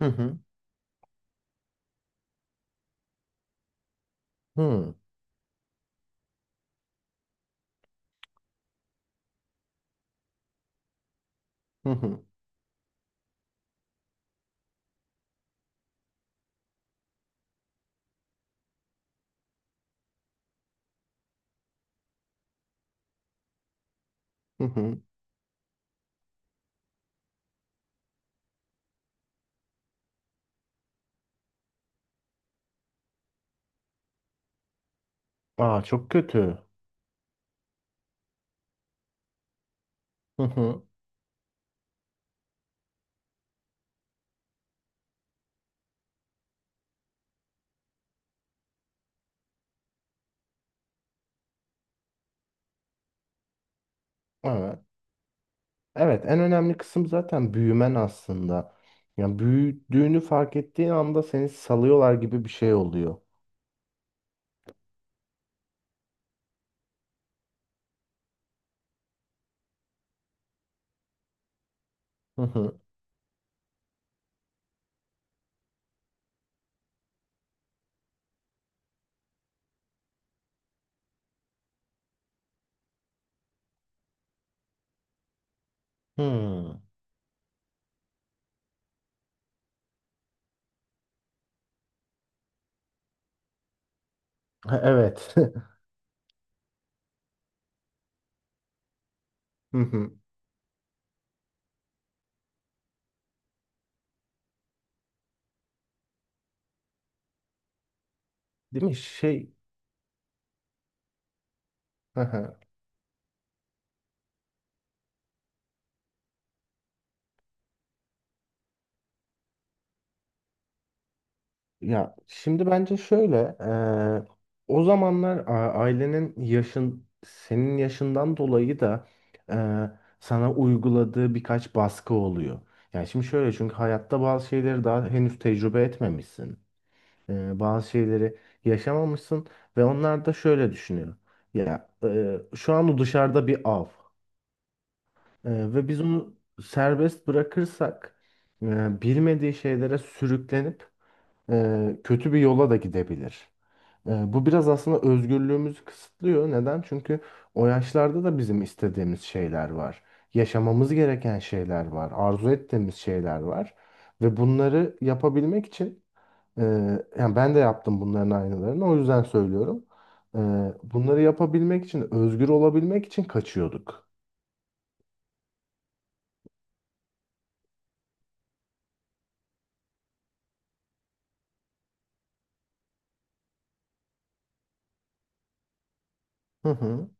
Hı hı. Hı hı. Hı hı. Hı. Aa, çok kötü. Hı hı. Evet. Evet, en önemli kısım zaten büyümen aslında. Yani büyüdüğünü fark ettiğin anda seni salıyorlar gibi bir şey oluyor. Hı hı. Hı. Ha, evet. Hı hı. Değil mi? Şey. Hı hı. Ya şimdi bence şöyle, o zamanlar ailenin yaşın senin yaşından dolayı da eee, sana uyguladığı birkaç baskı oluyor. Yani şimdi şöyle, çünkü hayatta bazı şeyleri daha henüz tecrübe etmemişsin. Bazı şeyleri yaşamamışsın ve onlar da şöyle düşünüyor: ya şu an o dışarıda bir av, ve biz onu serbest bırakırsak bilmediği şeylere sürüklenip kötü bir yola da gidebilir. Bu biraz aslında özgürlüğümüzü kısıtlıyor. Neden? Çünkü o yaşlarda da bizim istediğimiz şeyler var. Yaşamamız gereken şeyler var. Arzu ettiğimiz şeyler var. Ve bunları yapabilmek için e, yani ben de yaptım bunların aynılarını. O yüzden söylüyorum. E, bunları yapabilmek için, özgür olabilmek için kaçıyorduk. Hı hı.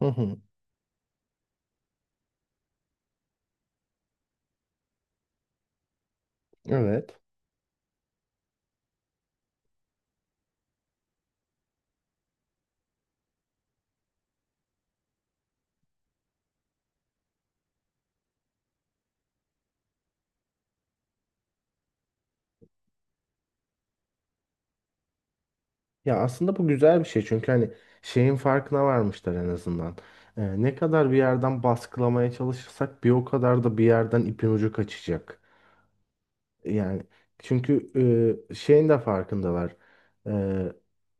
Hı hı. Evet. Ya aslında bu güzel bir şey, çünkü hani şeyin farkına varmışlar en azından. Ne kadar bir yerden baskılamaya çalışırsak bir o kadar da bir yerden ipin ucu kaçacak. Yani çünkü şeyin de farkındalar. Ee,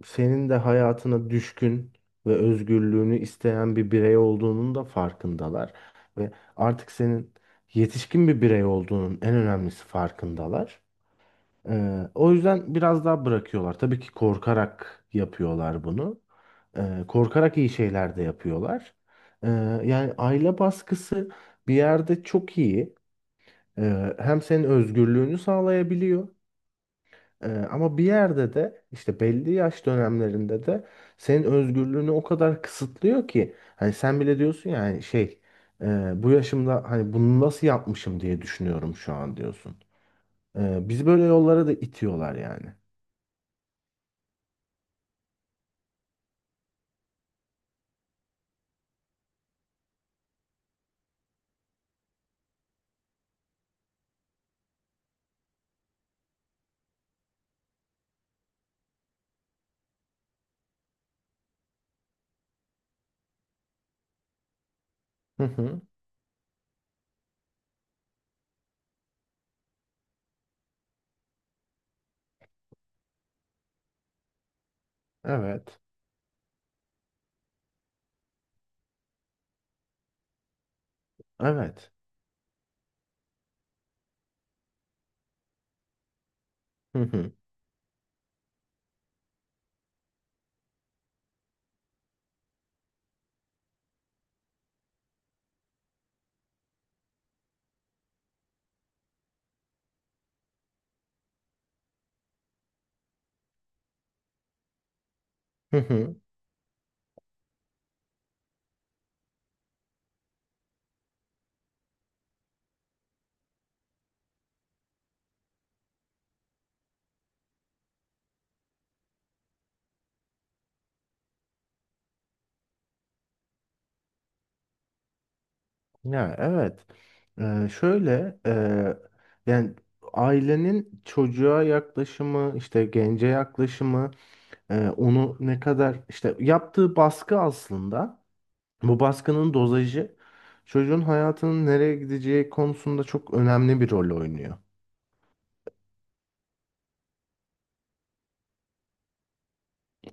senin de hayatına düşkün ve özgürlüğünü isteyen bir birey olduğunun da farkındalar. Ve artık senin yetişkin bir birey olduğunun, en önemlisi, farkındalar. O yüzden biraz daha bırakıyorlar. Tabii ki korkarak yapıyorlar bunu. Korkarak iyi şeyler de yapıyorlar. Ee, yani aile baskısı bir yerde çok iyi. Hem senin özgürlüğünü sağlayabiliyor. Ama bir yerde de işte belli yaş dönemlerinde de senin özgürlüğünü o kadar kısıtlıyor ki hani sen bile diyorsun, yani şey, bu yaşımda hani bunu nasıl yapmışım diye düşünüyorum şu an, diyorsun. Bizi böyle yollara da itiyorlar yani. Hı hı. Evet. Evet. Hı hı. Hı hı. Ya evet. Şöyle yani ailenin çocuğa yaklaşımı, işte gence yaklaşımı, onu ne kadar işte yaptığı baskı aslında. Bu baskının dozajı çocuğun hayatının nereye gideceği konusunda çok önemli bir rol oynuyor.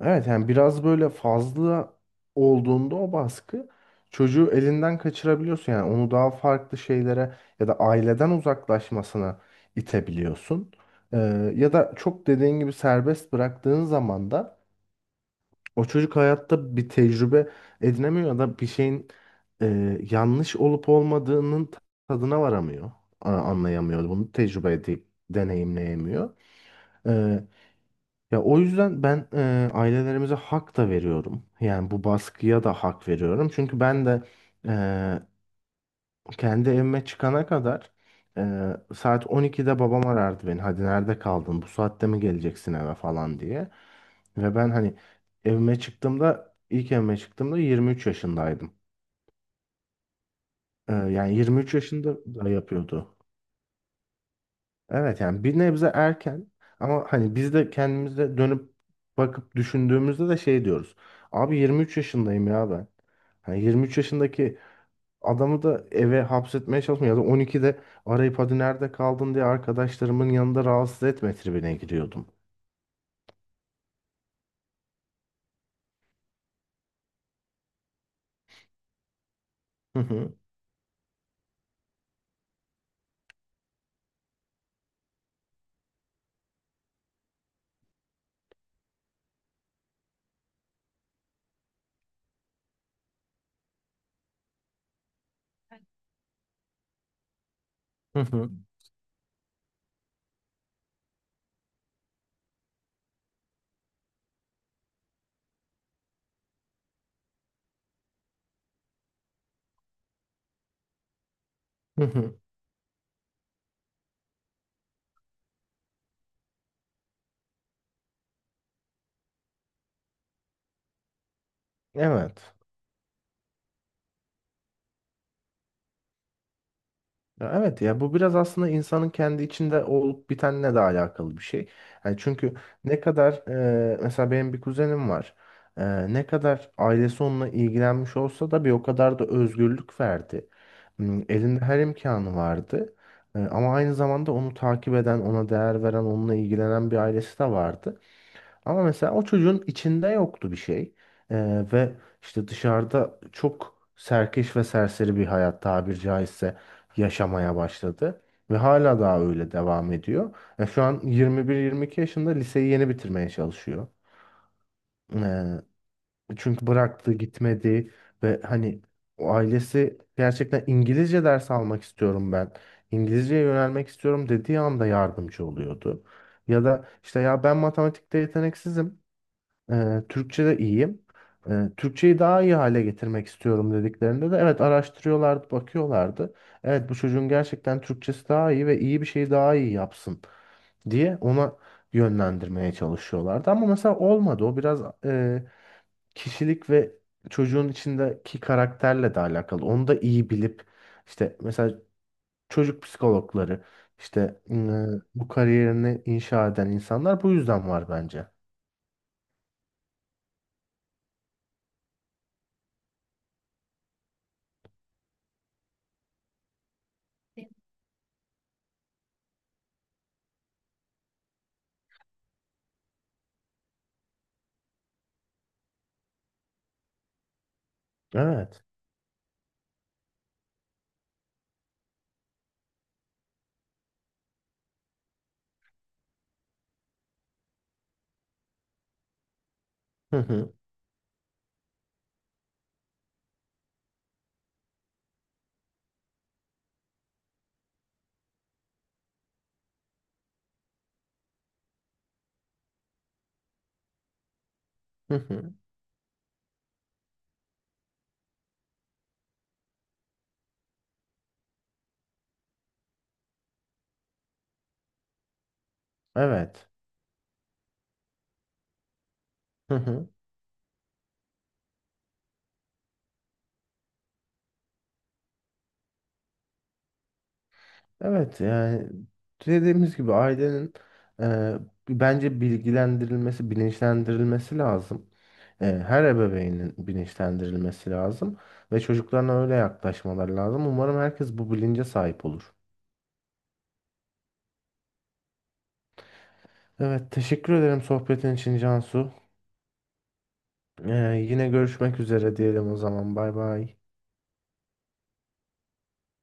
Evet, yani biraz böyle fazla olduğunda o baskı, çocuğu elinden kaçırabiliyorsun. Yani onu daha farklı şeylere ya da aileden uzaklaşmasına itebiliyorsun. Ee, ya da çok dediğin gibi serbest bıraktığın zaman da o çocuk hayatta bir tecrübe edinemiyor ya da bir şeyin yanlış olup olmadığının tadına varamıyor. Anlayamıyor. Bunu tecrübe edip deneyimleyemiyor. E, ya o yüzden ben ailelerimize hak da veriyorum. Yani bu baskıya da hak veriyorum. Çünkü ben de kendi evime çıkana kadar saat 12'de babam arardı beni: "Hadi, nerede kaldın? Bu saatte mi geleceksin eve?" falan diye. Ve ben hani evime çıktığımda, ilk evime çıktığımda 23 yaşındaydım. Yani 23 yaşında da yapıyordu. Evet, yani bir nebze erken, ama hani biz de kendimize dönüp bakıp düşündüğümüzde de şey diyoruz: "Abi, 23 yaşındayım ya ben." Hani 23 yaşındaki adamı da eve hapsetmeye çalışmıyor. Ya da 12'de arayıp "hadi nerede kaldın" diye arkadaşlarımın yanında rahatsız etme tribine giriyordum. Hı hı, hı hı, hı hı. Evet. Ya evet ya, bu biraz aslında insanın kendi içinde olup bitenle de alakalı bir şey. Yani çünkü ne kadar mesela benim bir kuzenim var. Ne kadar ailesi onunla ilgilenmiş olsa da bir o kadar da özgürlük verdi. Elinde her imkanı vardı. Ama aynı zamanda onu takip eden, ona değer veren, onunla ilgilenen bir ailesi de vardı. Ama mesela o çocuğun içinde yoktu bir şey. Ve işte dışarıda çok serkeş ve serseri bir hayat, tabiri caizse, yaşamaya başladı. Ve hala daha öyle devam ediyor. Şu an 21-22 yaşında, liseyi yeni bitirmeye çalışıyor. Ee, çünkü bıraktı, gitmedi ve hani o ailesi, gerçekten "İngilizce ders almak istiyorum ben, İngilizceye yönelmek istiyorum" dediği anda yardımcı oluyordu. Ya da işte "ya ben matematikte yeteneksizim, Türkçe'de iyiyim. Türkçeyi daha iyi hale getirmek istiyorum" dediklerinde de evet, araştırıyorlardı, bakıyorlardı. Evet, bu çocuğun gerçekten Türkçesi daha iyi ve iyi bir şeyi daha iyi yapsın diye ona yönlendirmeye çalışıyorlardı. Ama mesela olmadı. O biraz kişilik ve çocuğun içindeki karakterle de alakalı. Onu da iyi bilip işte, mesela çocuk psikologları, işte bu kariyerini inşa eden insanlar bu yüzden var bence. Evet. Hı hı. Hı hı. Evet. Hı hı. Evet, yani dediğimiz gibi ailenin e, bence bilgilendirilmesi, bilinçlendirilmesi lazım. Her ebeveynin bilinçlendirilmesi lazım ve çocuklarına öyle yaklaşmaları lazım. Umarım herkes bu bilince sahip olur. Evet, teşekkür ederim sohbetin için, Cansu. Ee, yine görüşmek üzere diyelim o zaman. Bay bay.